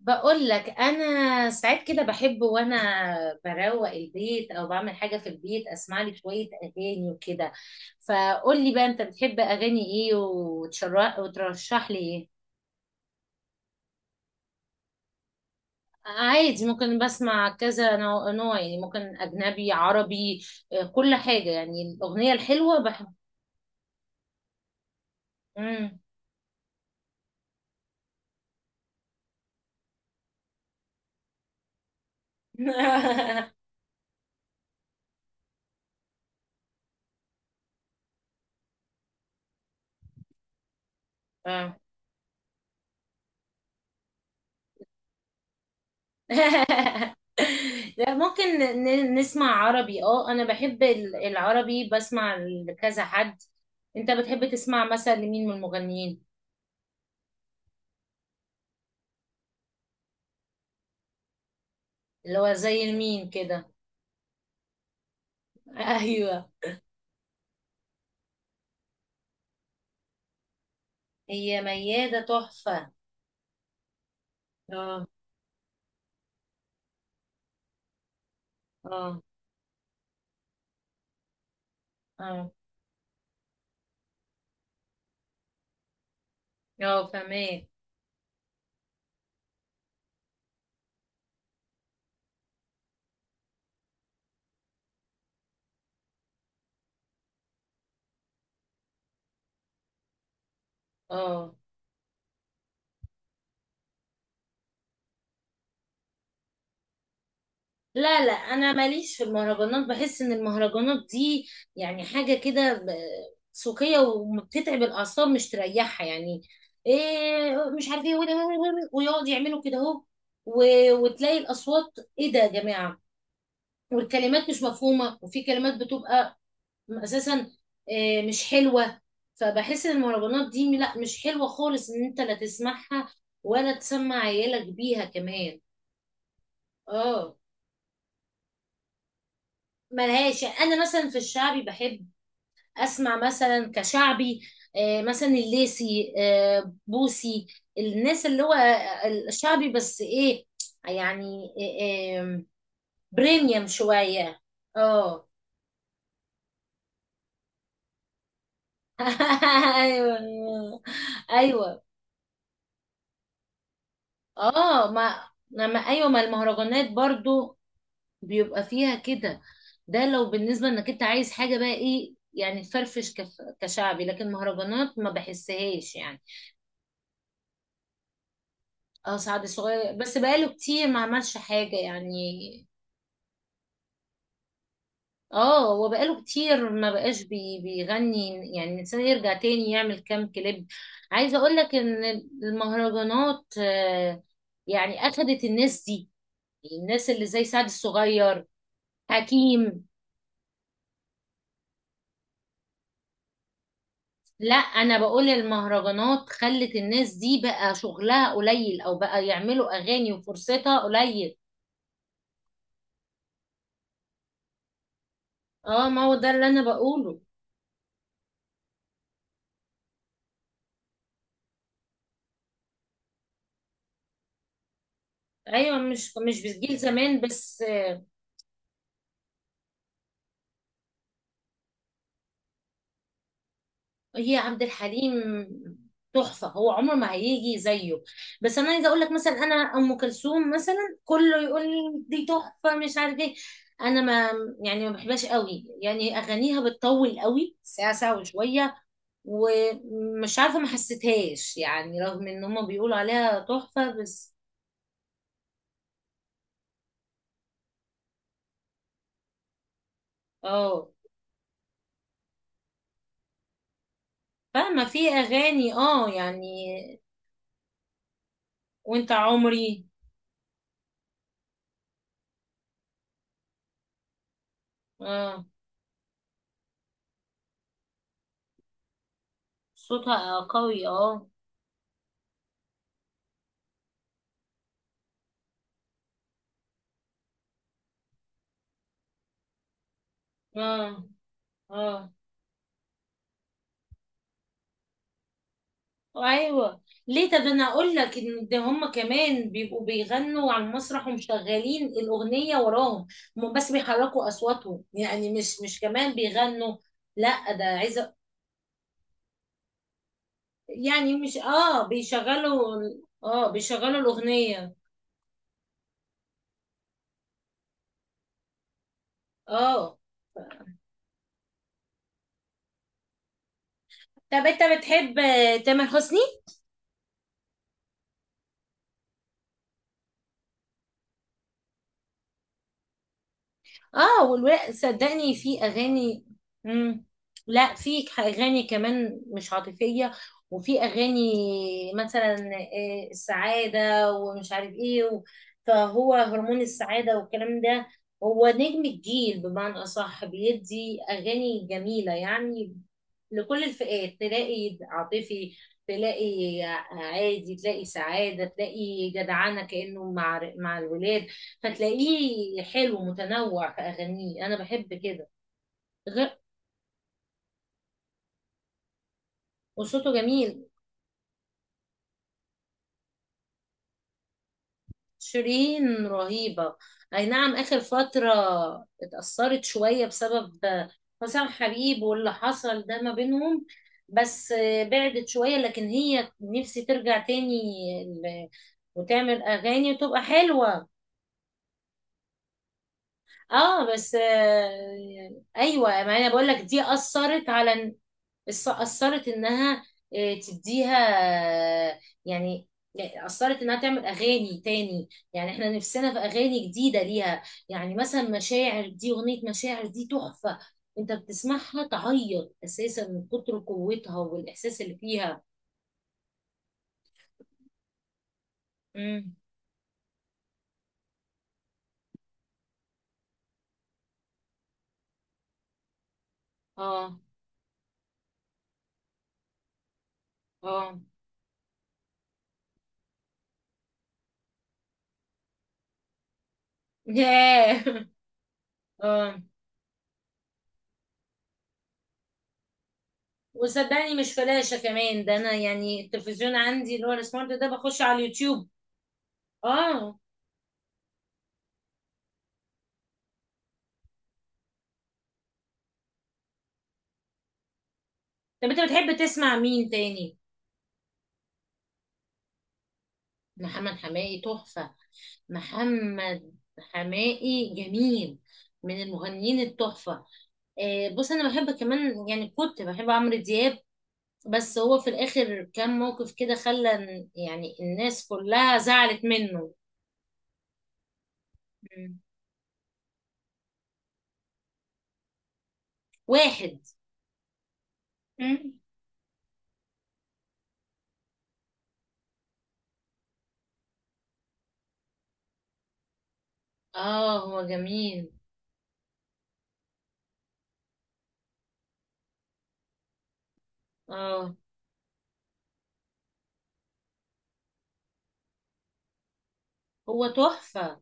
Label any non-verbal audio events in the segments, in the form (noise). بقول لك انا ساعات كده بحب، وانا بروق البيت او بعمل حاجه في البيت، اسمع لي شويه اغاني وكده. فقول لي بقى، انت بتحب اغاني ايه، وتشرح وترشح لي ايه. عادي، ممكن بسمع كذا نوع نوع، يعني ممكن اجنبي عربي. آه، كل حاجه، يعني الاغنيه الحلوه بحب. امم. (laughs) آه. (laughs) لا، ممكن نسمع عربي. اه انا بحب العربي، بسمع لكذا حد. انت بتحب تسمع مثلا لمين من المغنيين؟ اللي هو زي مين كده؟ (laughs) ايوه. هي ميادة تحفة. اه، اه، اه، اه، فهماك. اه. لا لا، انا ماليش في المهرجانات. بحس ان المهرجانات دي يعني حاجه كده سوقيه، وبتتعب الاعصاب مش تريحها يعني. ايه مش عارف ايه. ويقعد يعملوا كده اهو، وتلاقي الاصوات، ايه ده يا جماعه. والكلمات مش مفهومه، وفي كلمات بتبقى اساسا إيه مش حلوه. فبحس ان المهرجانات دي لا، مش حلوه خالص، ان انت لا تسمعها ولا تسمع عيالك بيها كمان. اه ملهاش. انا مثلا في الشعبي بحب اسمع مثلا كشعبي، مثلا الليسي، بوسي. الناس اللي هو الشعبي، بس ايه يعني، آه، آم، بريميوم شوية. اه. (laughs) ايوه، ايوه. اه، ما لما ايوه، ما المهرجانات برضو بيبقى فيها كده. ده لو بالنسبة انك انت عايز حاجة بقى ايه، يعني تفرفش كشعبي، لكن مهرجانات ما بحسهاش يعني. اه، سعد الصغير بس بقاله كتير ما عملش حاجة يعني. اه، هو بقاله كتير ما بقاش بيغني. يعني الإنسان يرجع تاني يعمل كام كليب. عايزة اقول لك ان المهرجانات، يعني اخدت الناس دي، الناس اللي زي سعد الصغير، حكيم. لا، انا بقول المهرجانات خلت الناس دي بقى شغلها قليل، او بقى يعملوا اغاني وفرصتها قليل. اه، ما هو ده اللي انا بقوله. ايوه مش بجيل زمان بس. هي عبد الحليم تحفة، هو عمر ما هيجي زيه. بس انا عايزه اقول لك مثلا، انا ام كلثوم مثلا، كله يقول لي دي تحفة مش عارف ايه. انا ما يعني ما بحبهاش قوي، يعني اغانيها بتطول قوي، ساعة ساعة وشوية. ومش عارفة ما حسيتهاش، يعني رغم ان هما بيقولوا عليها تحفة بس. اه فاهمة، في اغاني اه يعني. وانت عمري. اه، صوتها قوي، اه، اه، اه، ايوه. ليه، طب انا اقول لك ان ده، هم كمان بيبقوا بيغنوا على المسرح ومشغلين الاغنيه وراهم. هم بس بيحركوا اصواتهم، يعني مش كمان بيغنوا. لا، ده عايزه، يعني مش بيشغلوا. اه، بيشغلوا الاغنيه. اه، طب انت بتحب تامر حسني؟ اه، والولاء صدقني في اغاني. مم. لا، في اغاني كمان مش عاطفيه، وفي اغاني مثلا السعاده ومش عارف ايه فهو هرمون السعاده والكلام ده. هو نجم الجيل بمعنى اصح، بيدي اغاني جميله يعني لكل الفئات. تلاقي عاطفي، تلاقي عادي، تلاقي سعاده، تلاقي جدعانه كانه مع الولاد. فتلاقيه حلو متنوع في أغانيه، أنا بحب كده. غير وصوته جميل. شيرين رهيبة، أي نعم. آخر فترة اتأثرت شوية بسبب حسام حبيب واللي حصل ده ما بينهم، بس بعدت شوية، لكن هي نفسي ترجع تاني ل- وتعمل أغاني وتبقى حلوة. اه بس، ايوه، ما انا بقول لك دي اثرت على أثرت إنها، تديها، آه، يعني يعني أثرت إنها تعمل أغاني تاني، يعني إحنا نفسنا في أغاني جديدة ليها. يعني مثلا مشاعر، دي أغنية، مشاعر دي تحفة، أنت بتسمعها تعيط أساسا من كتر قوتها والإحساس اللي فيها. امم، آه، آه. (laughs) ياه، آه. وصدقني مش فلاشة كمان، ده أنا يعني التلفزيون عندي اللي هو السمارت ده بخش على اليوتيوب. آه. طب أنت بتحب تسمع مين تاني؟ محمد حماقي تحفة، محمد حماقي جميل، من المغنيين التحفة. آه، بص، أنا بحب كمان، يعني كنت بحب عمرو دياب، بس هو في الآخر كان موقف كده خلى يعني الناس كلها زعلت منه. مم. واحد. مم. اه هو جميل. اه، هو تحفة.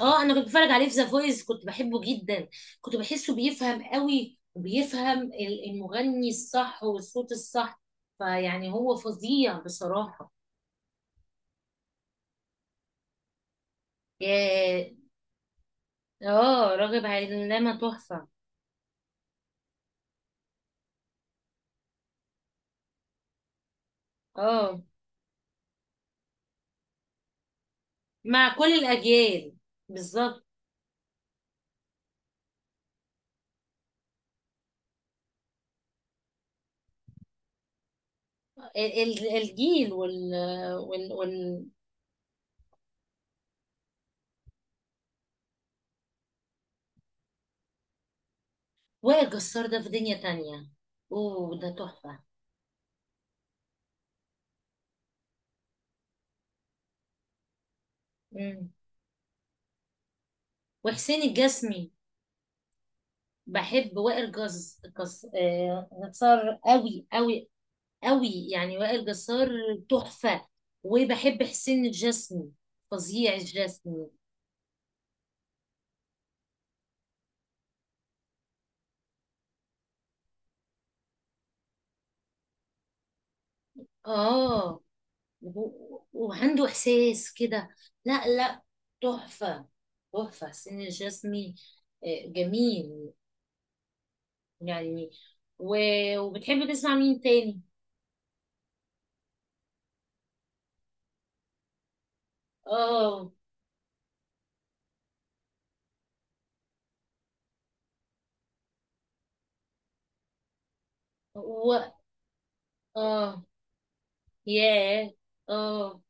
اه، انا كنت بتفرج عليه في ذا فويس، كنت بحبه جدا، كنت بحسه بيفهم قوي وبيفهم المغني الصح والصوت الصح، فيعني هو فظيع بصراحة. يا- اه، راغب علامة تحفة. اه، مع كل الأجيال بالظبط. الجيل وال وال وال وائل جسار ده في دنيا تانية. اوه، ده تحفة. مم. وحسين الجسمي. بحب وائل جس جس جسار قوي قوي قوي، يعني وائل جسار تحفة. وبحب حسين الجسمي، فظيع الجسمي. اه، وعنده احساس كده. لا لا، تحفة تحفة حسين الجسمي. جميل يعني. وبتحب تسمع مين تاني؟ اه. و... اه، ياه، اه.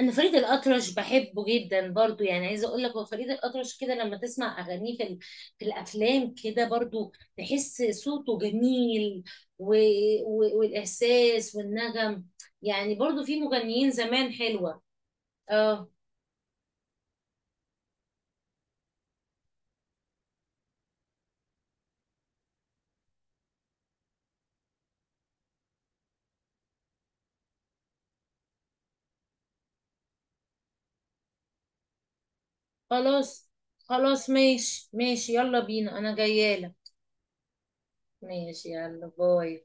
انا فريد الاطرش بحبه جدا برضو، يعني عايزه اقول لك، هو فريد الاطرش كده لما تسمع اغانيه في الافلام كده برضو تحس صوته جميل. و... والاحساس والنغم، يعني برضو في مغنيين زمان حلوه. اه. خلاص خلاص، ماشي ماشي، يلا بينا، انا جايه لك. ماشي، يلا، باي.